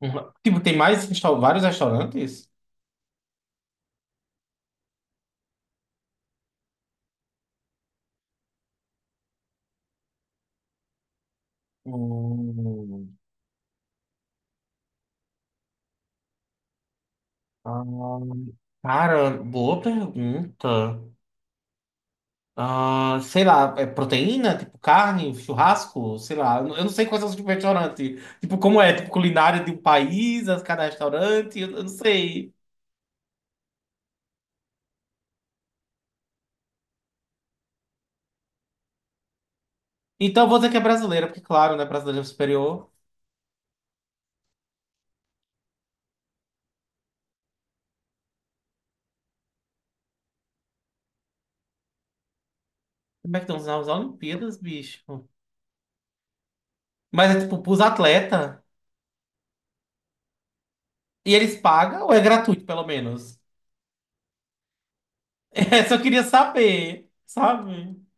Uhum. Tipo, tem mais vários restaurantes? Hum. Ah, cara, boa pergunta. Ah, sei lá, é proteína, tipo carne, churrasco, sei lá. Eu não sei quais são os tipos de restaurante. Tipo, como é, tipo, culinária de um país, cada restaurante, eu não sei. Então eu vou dizer que é brasileira, porque claro, né, brasileira é superior. Como é que estão nas Olimpíadas, bicho? Mas é tipo, pros atletas. E eles pagam ou é gratuito, pelo menos? Essa eu queria saber, sabe?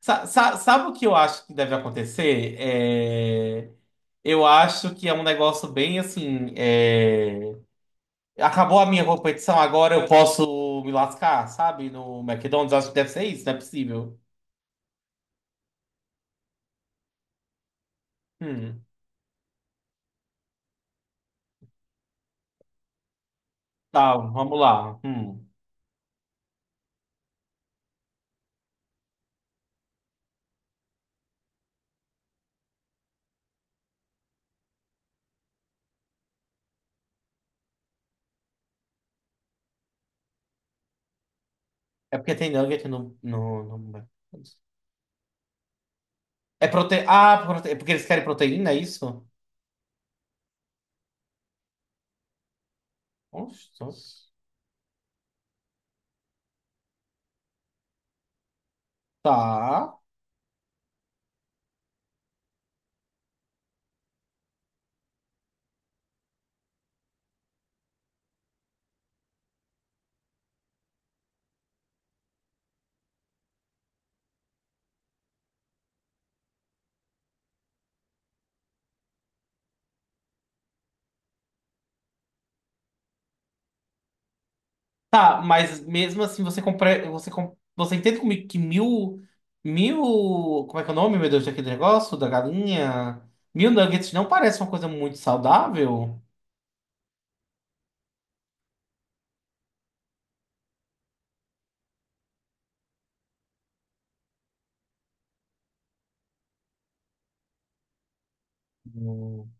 Sabe o que eu acho que deve acontecer? Eu acho que é um negócio bem assim. Acabou a minha competição, agora eu posso me lascar, sabe? No McDonald's, acho que deve ser isso, não é possível. Hum. Tá, vamos lá. Hum. É porque tem nugget no McDonald's. É porque eles querem proteína, é isso? Nossa. Tá. Tá, mas mesmo assim você compra, você entende comigo que mil, mil, como é que é o nome, meu Deus, daquele negócio, da galinha? Mil nuggets não parece uma coisa muito saudável? Hum.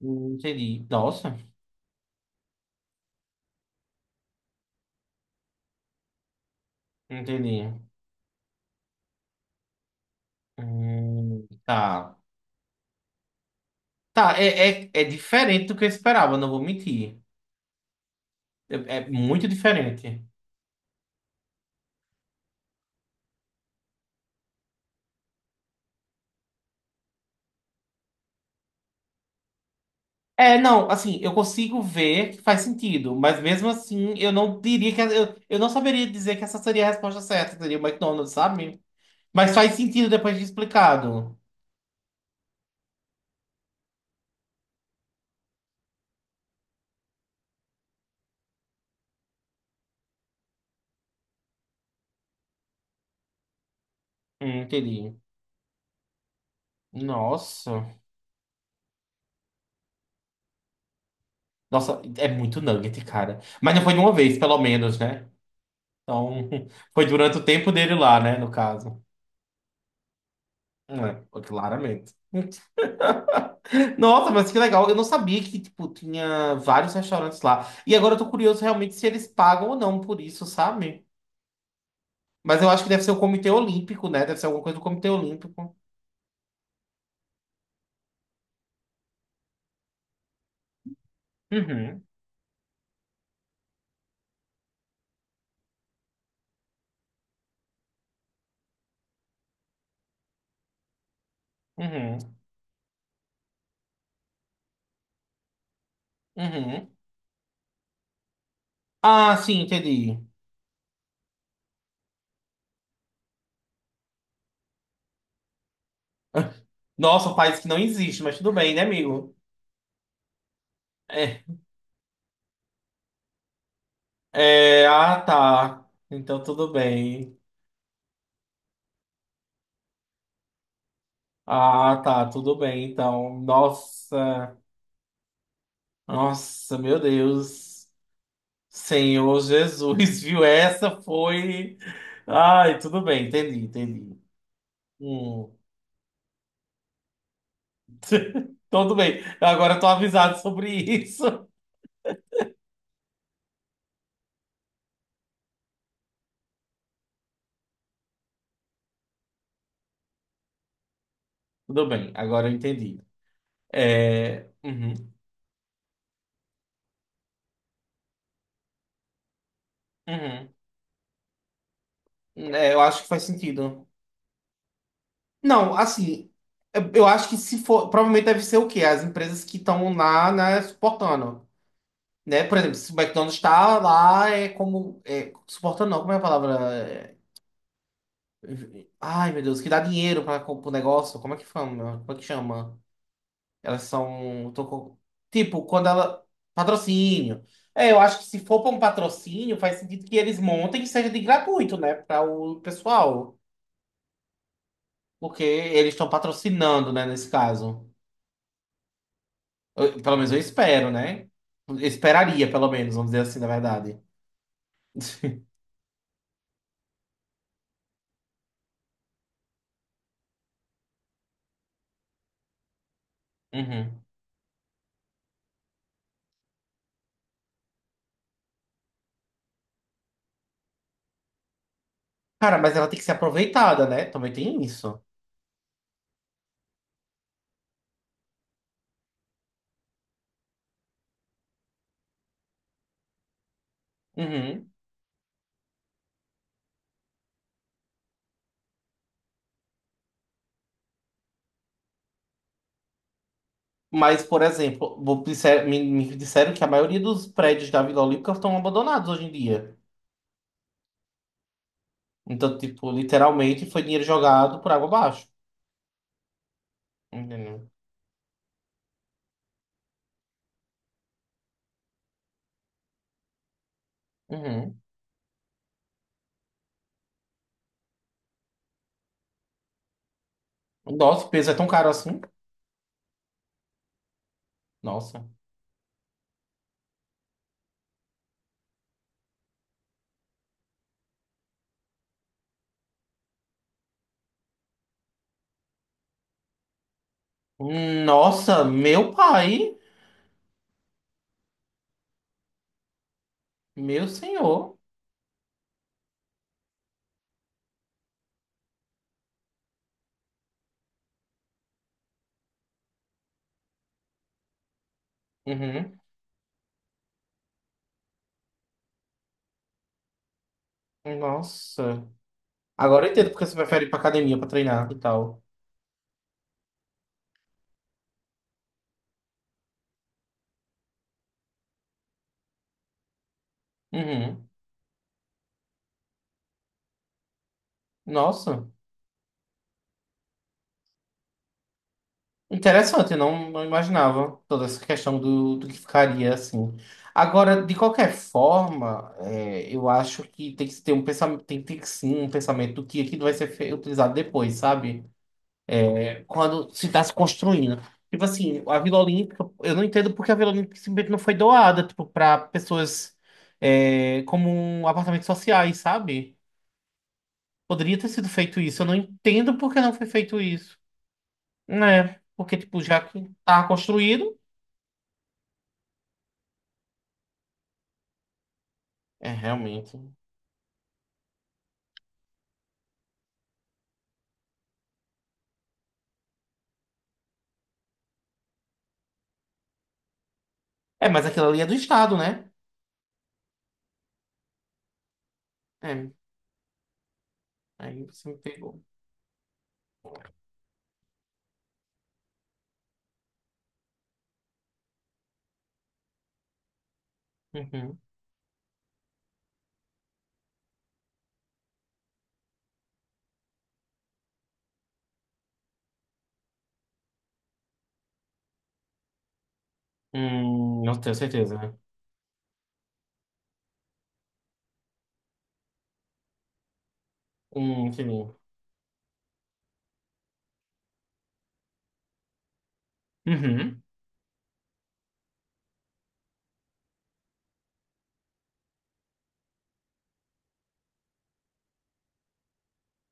Não entendi. Nossa, não entendi. Tá. Tá, é diferente do que eu esperava, não vou mentir. É, é muito diferente. É, não, assim, eu consigo ver que faz sentido, mas mesmo assim, eu não diria que. Eu não saberia dizer que essa seria a resposta certa, seria o McDonald's, sabe? Mas faz sentido depois de explicado. Entendi. Nossa. Nossa, é muito nugget, cara. Mas não foi de uma vez, pelo menos, né? Então, foi durante o tempo dele lá, né? No caso. É, foi claramente. Nossa, mas que legal. Eu não sabia que, tipo, tinha vários restaurantes lá. E agora eu tô curioso realmente se eles pagam ou não por isso, sabe? Mas eu acho que deve ser o Comitê Olímpico, né? Deve ser alguma coisa do Comitê Olímpico. Uhum, uhum, uhum. Ah, sim, entendi. Nossa, um país que não existe, mas tudo bem, né, amigo? É. É, ah, tá. Então tudo bem. Ah, tá, tudo bem. Então, nossa, nossa, meu Deus. Senhor Jesus, viu? Essa foi. Ai, tudo bem, entendi, entendi. Hum, tudo bem. Agora eu tô avisado sobre isso. Tudo bem, agora eu entendi. É, uhum, uhum. É, eu acho que faz sentido. Não, assim, eu acho que se for, provavelmente deve ser o quê? As empresas que estão lá, né, suportando, né? Por exemplo, se o McDonald's está lá, é como, é, suportando não, como é a palavra? É, ai, meu Deus, que dá dinheiro para o negócio, como é que chama? Como é que chama? Elas são, tô co- Tipo, quando ela, patrocínio. É, eu acho que se for para um patrocínio, faz sentido que eles montem que seja de gratuito, né, para o pessoal, porque eles estão patrocinando, né, nesse caso. Pelo menos eu espero, né? Eu Esperaria, pelo menos, vamos dizer assim, na verdade. Uhum. Cara, mas ela tem que ser aproveitada, né? Também tem isso. Uhum. Mas, por exemplo, me, me disseram que a maioria dos prédios da Vila Olímpica estão abandonados hoje em dia. Então, tipo, literalmente foi dinheiro jogado por água abaixo. Entendeu? Uhum. Nossa, o peso é tão caro assim? Nossa. Nossa, meu pai. Meu senhor. Uhum. Nossa. Agora eu entendo porque você prefere ir pra academia pra treinar e tal. Uhum. Nossa, interessante, eu não, não imaginava toda essa questão do, do que ficaria assim. Agora, de qualquer forma, é, eu acho que tem que ter um pensamento, tem que ter sim um pensamento do que aquilo vai ser utilizado depois, sabe? Quando se está se construindo. Tipo assim, a Vila Olímpica, eu não entendo porque a Vila Olímpica simplesmente não foi doada, tipo, para pessoas é, como apartamentos sociais, sabe? Poderia ter sido feito isso. Eu não entendo por que não foi feito isso. Né? Porque, tipo, já que tá construído. É, realmente. É, mas aquilo ali é do Estado, né? É. Aí você me pegou. Uhum. Não tenho certeza, né? Entendi. Uhum.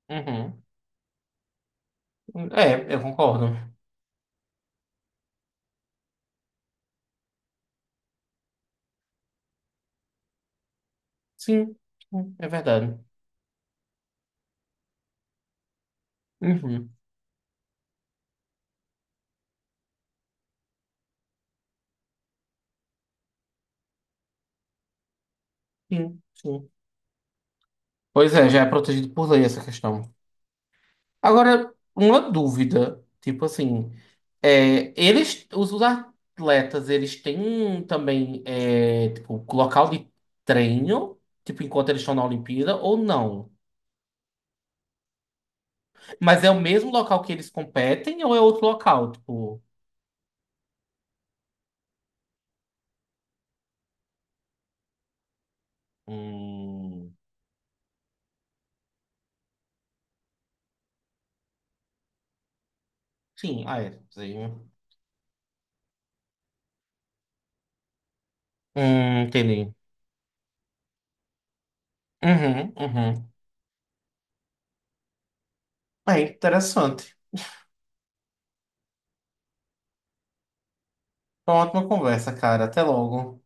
Uhum. É, eu concordo. Sim, sim, é verdade. Uhum. Sim, sim. Pois é, já é protegido por lei essa questão. Agora, uma dúvida, tipo assim, é, eles, os atletas, eles têm também, é, tipo, local de treino, tipo, enquanto eles estão na Olimpíada, ou não? Mas é o mesmo local que eles competem, ou é outro local, tipo, hum, sim, ah, é, sei, né? Entendi. Uhum, uhum. É interessante. Foi uma ótima conversa, cara. Até logo.